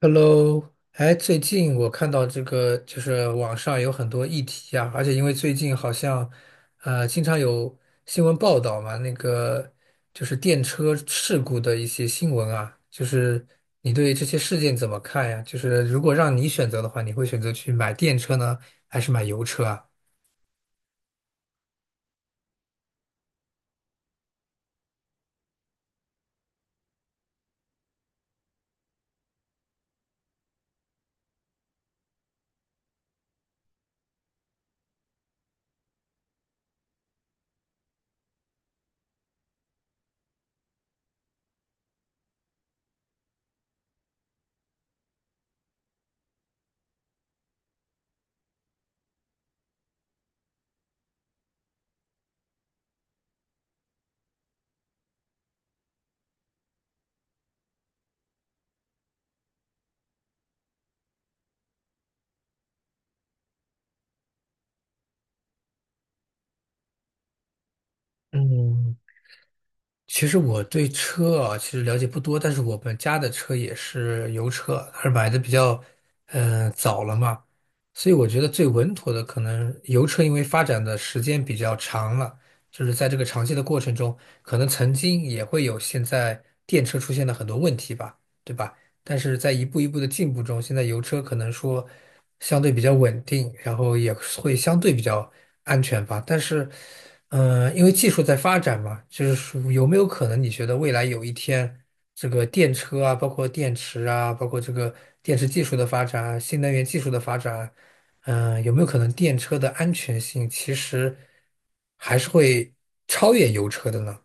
Hello，哎，最近我看到这个，就是网上有很多议题啊，而且因为最近好像，经常有新闻报道嘛，那个就是电车事故的一些新闻啊，就是你对这些事件怎么看呀？就是如果让你选择的话，你会选择去买电车呢，还是买油车啊？嗯，其实我对车啊，其实了解不多，但是我们家的车也是油车，还是买的比较，嗯，早了嘛，所以我觉得最稳妥的可能油车，因为发展的时间比较长了，就是在这个长期的过程中，可能曾经也会有现在电车出现的很多问题吧，对吧？但是在一步一步的进步中，现在油车可能说相对比较稳定，然后也会相对比较安全吧。但是，嗯、因为技术在发展嘛，就是说有没有可能你觉得未来有一天，这个电车啊，包括电池啊，包括这个电池技术的发展啊，新能源技术的发展啊嗯、有没有可能电车的安全性其实还是会超越油车的呢？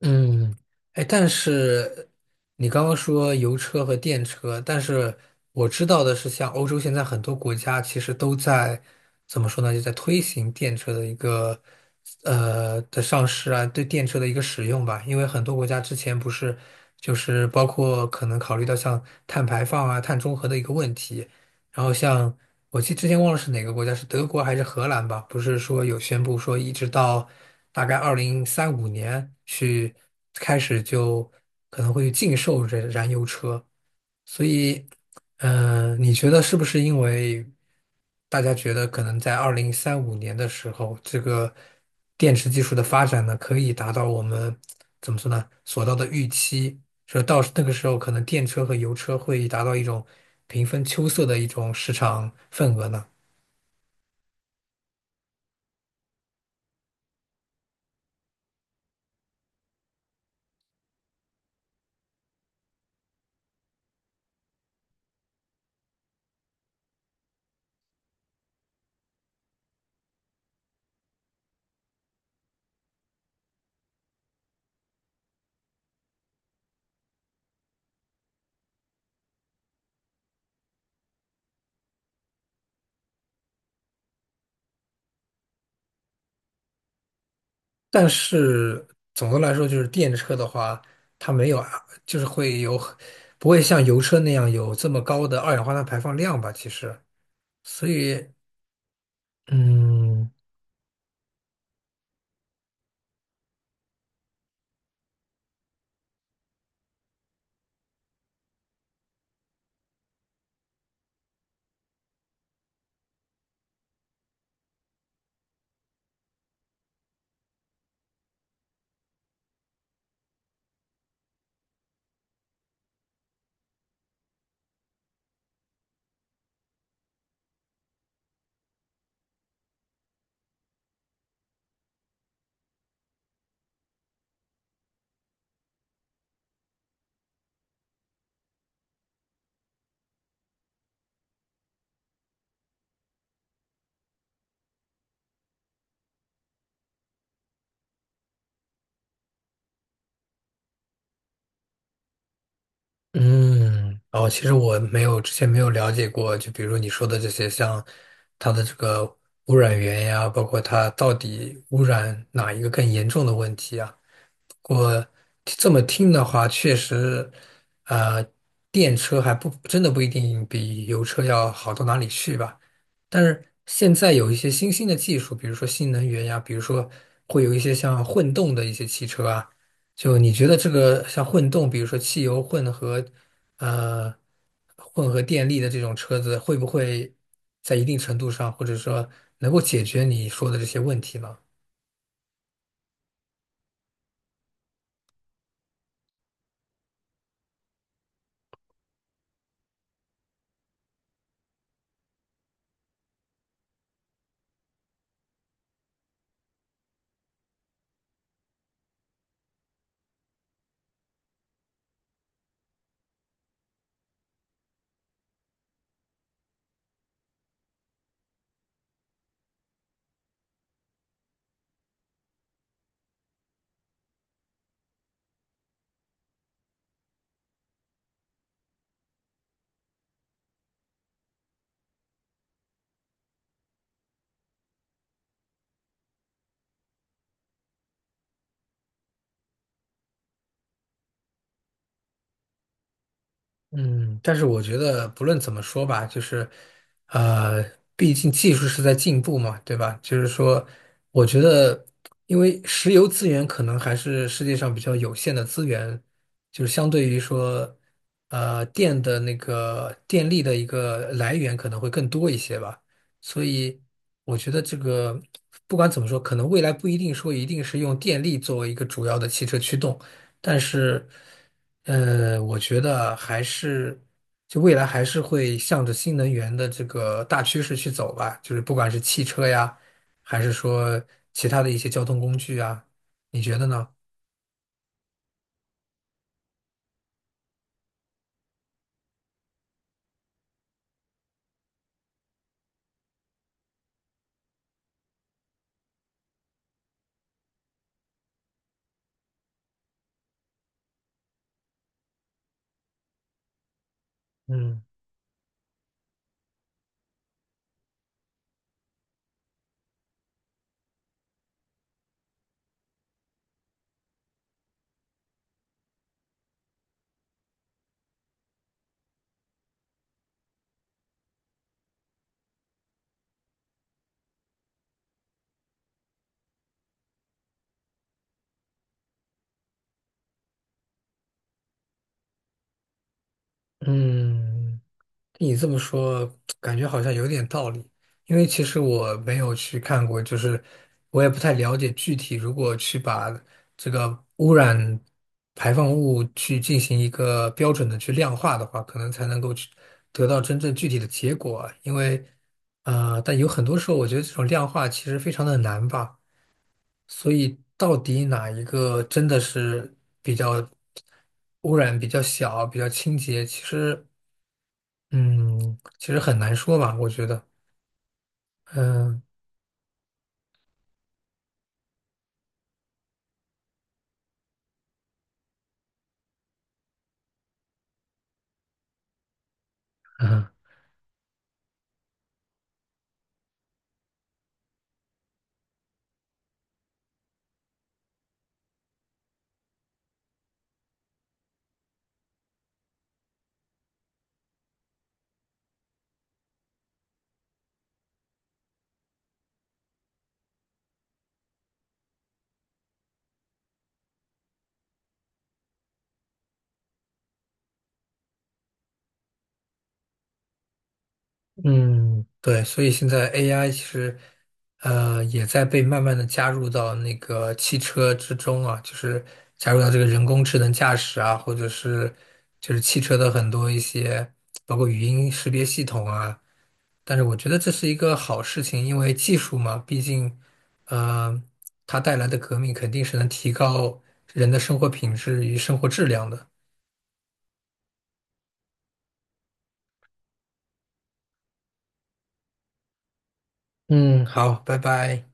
嗯，哎，但是你刚刚说油车和电车，但是我知道的是，像欧洲现在很多国家其实都在怎么说呢，就在推行电车的一个上市啊，对电车的一个使用吧。因为很多国家之前不是就是包括可能考虑到像碳排放啊、碳中和的一个问题，然后像我记得之前忘了是哪个国家，是德国还是荷兰吧？不是说有宣布说一直到大概二零三五年去开始就可能会禁售这燃油车，所以，嗯、你觉得是不是因为大家觉得可能在二零三五年的时候，这个电池技术的发展呢，可以达到我们怎么说呢，所到的预期？说到那个时候，可能电车和油车会达到一种平分秋色的一种市场份额呢。但是总的来说，就是电车的话，它没有啊，就是会有不会像油车那样有这么高的二氧化碳排放量吧？其实，所以，嗯嗯，哦，其实我没有之前没有了解过，就比如你说的这些，像它的这个污染源呀，包括它到底污染哪一个更严重的问题啊？我这么听的话，确实，呃，电车还不真的不一定比油车要好到哪里去吧。但是现在有一些新兴的技术，比如说新能源呀，比如说会有一些像混动的一些汽车啊。就你觉得这个像混动，比如说汽油混合，呃，混合电力的这种车子，会不会在一定程度上，或者说能够解决你说的这些问题呢？嗯，但是我觉得不论怎么说吧，就是，呃，毕竟技术是在进步嘛，对吧？就是说，我觉得，因为石油资源可能还是世界上比较有限的资源，就是相对于说，电的那个电力的一个来源可能会更多一些吧。所以，我觉得这个不管怎么说，可能未来不一定说一定是用电力作为一个主要的汽车驱动。但是，我觉得还是，就未来还是会向着新能源的这个大趋势去走吧。就是不管是汽车呀，还是说其他的一些交通工具啊，你觉得呢？嗯嗯。你这么说，感觉好像有点道理。因为其实我没有去看过，就是我也不太了解具体，如果去把这个污染排放物去进行一个标准的去量化的话，可能才能够去得到真正具体的结果啊。因为，但有很多时候，我觉得这种量化其实非常的难吧。所以，到底哪一个真的是比较污染比较小、比较清洁，其实。嗯，其实很难说吧，我觉得，嗯嗯嗯，对，所以现在 AI 其实，也在被慢慢的加入到那个汽车之中啊，就是加入到这个人工智能驾驶啊，或者是就是汽车的很多一些，包括语音识别系统啊。但是我觉得这是一个好事情，因为技术嘛，毕竟，呃，它带来的革命肯定是能提高人的生活品质与生活质量的。嗯，好，拜拜。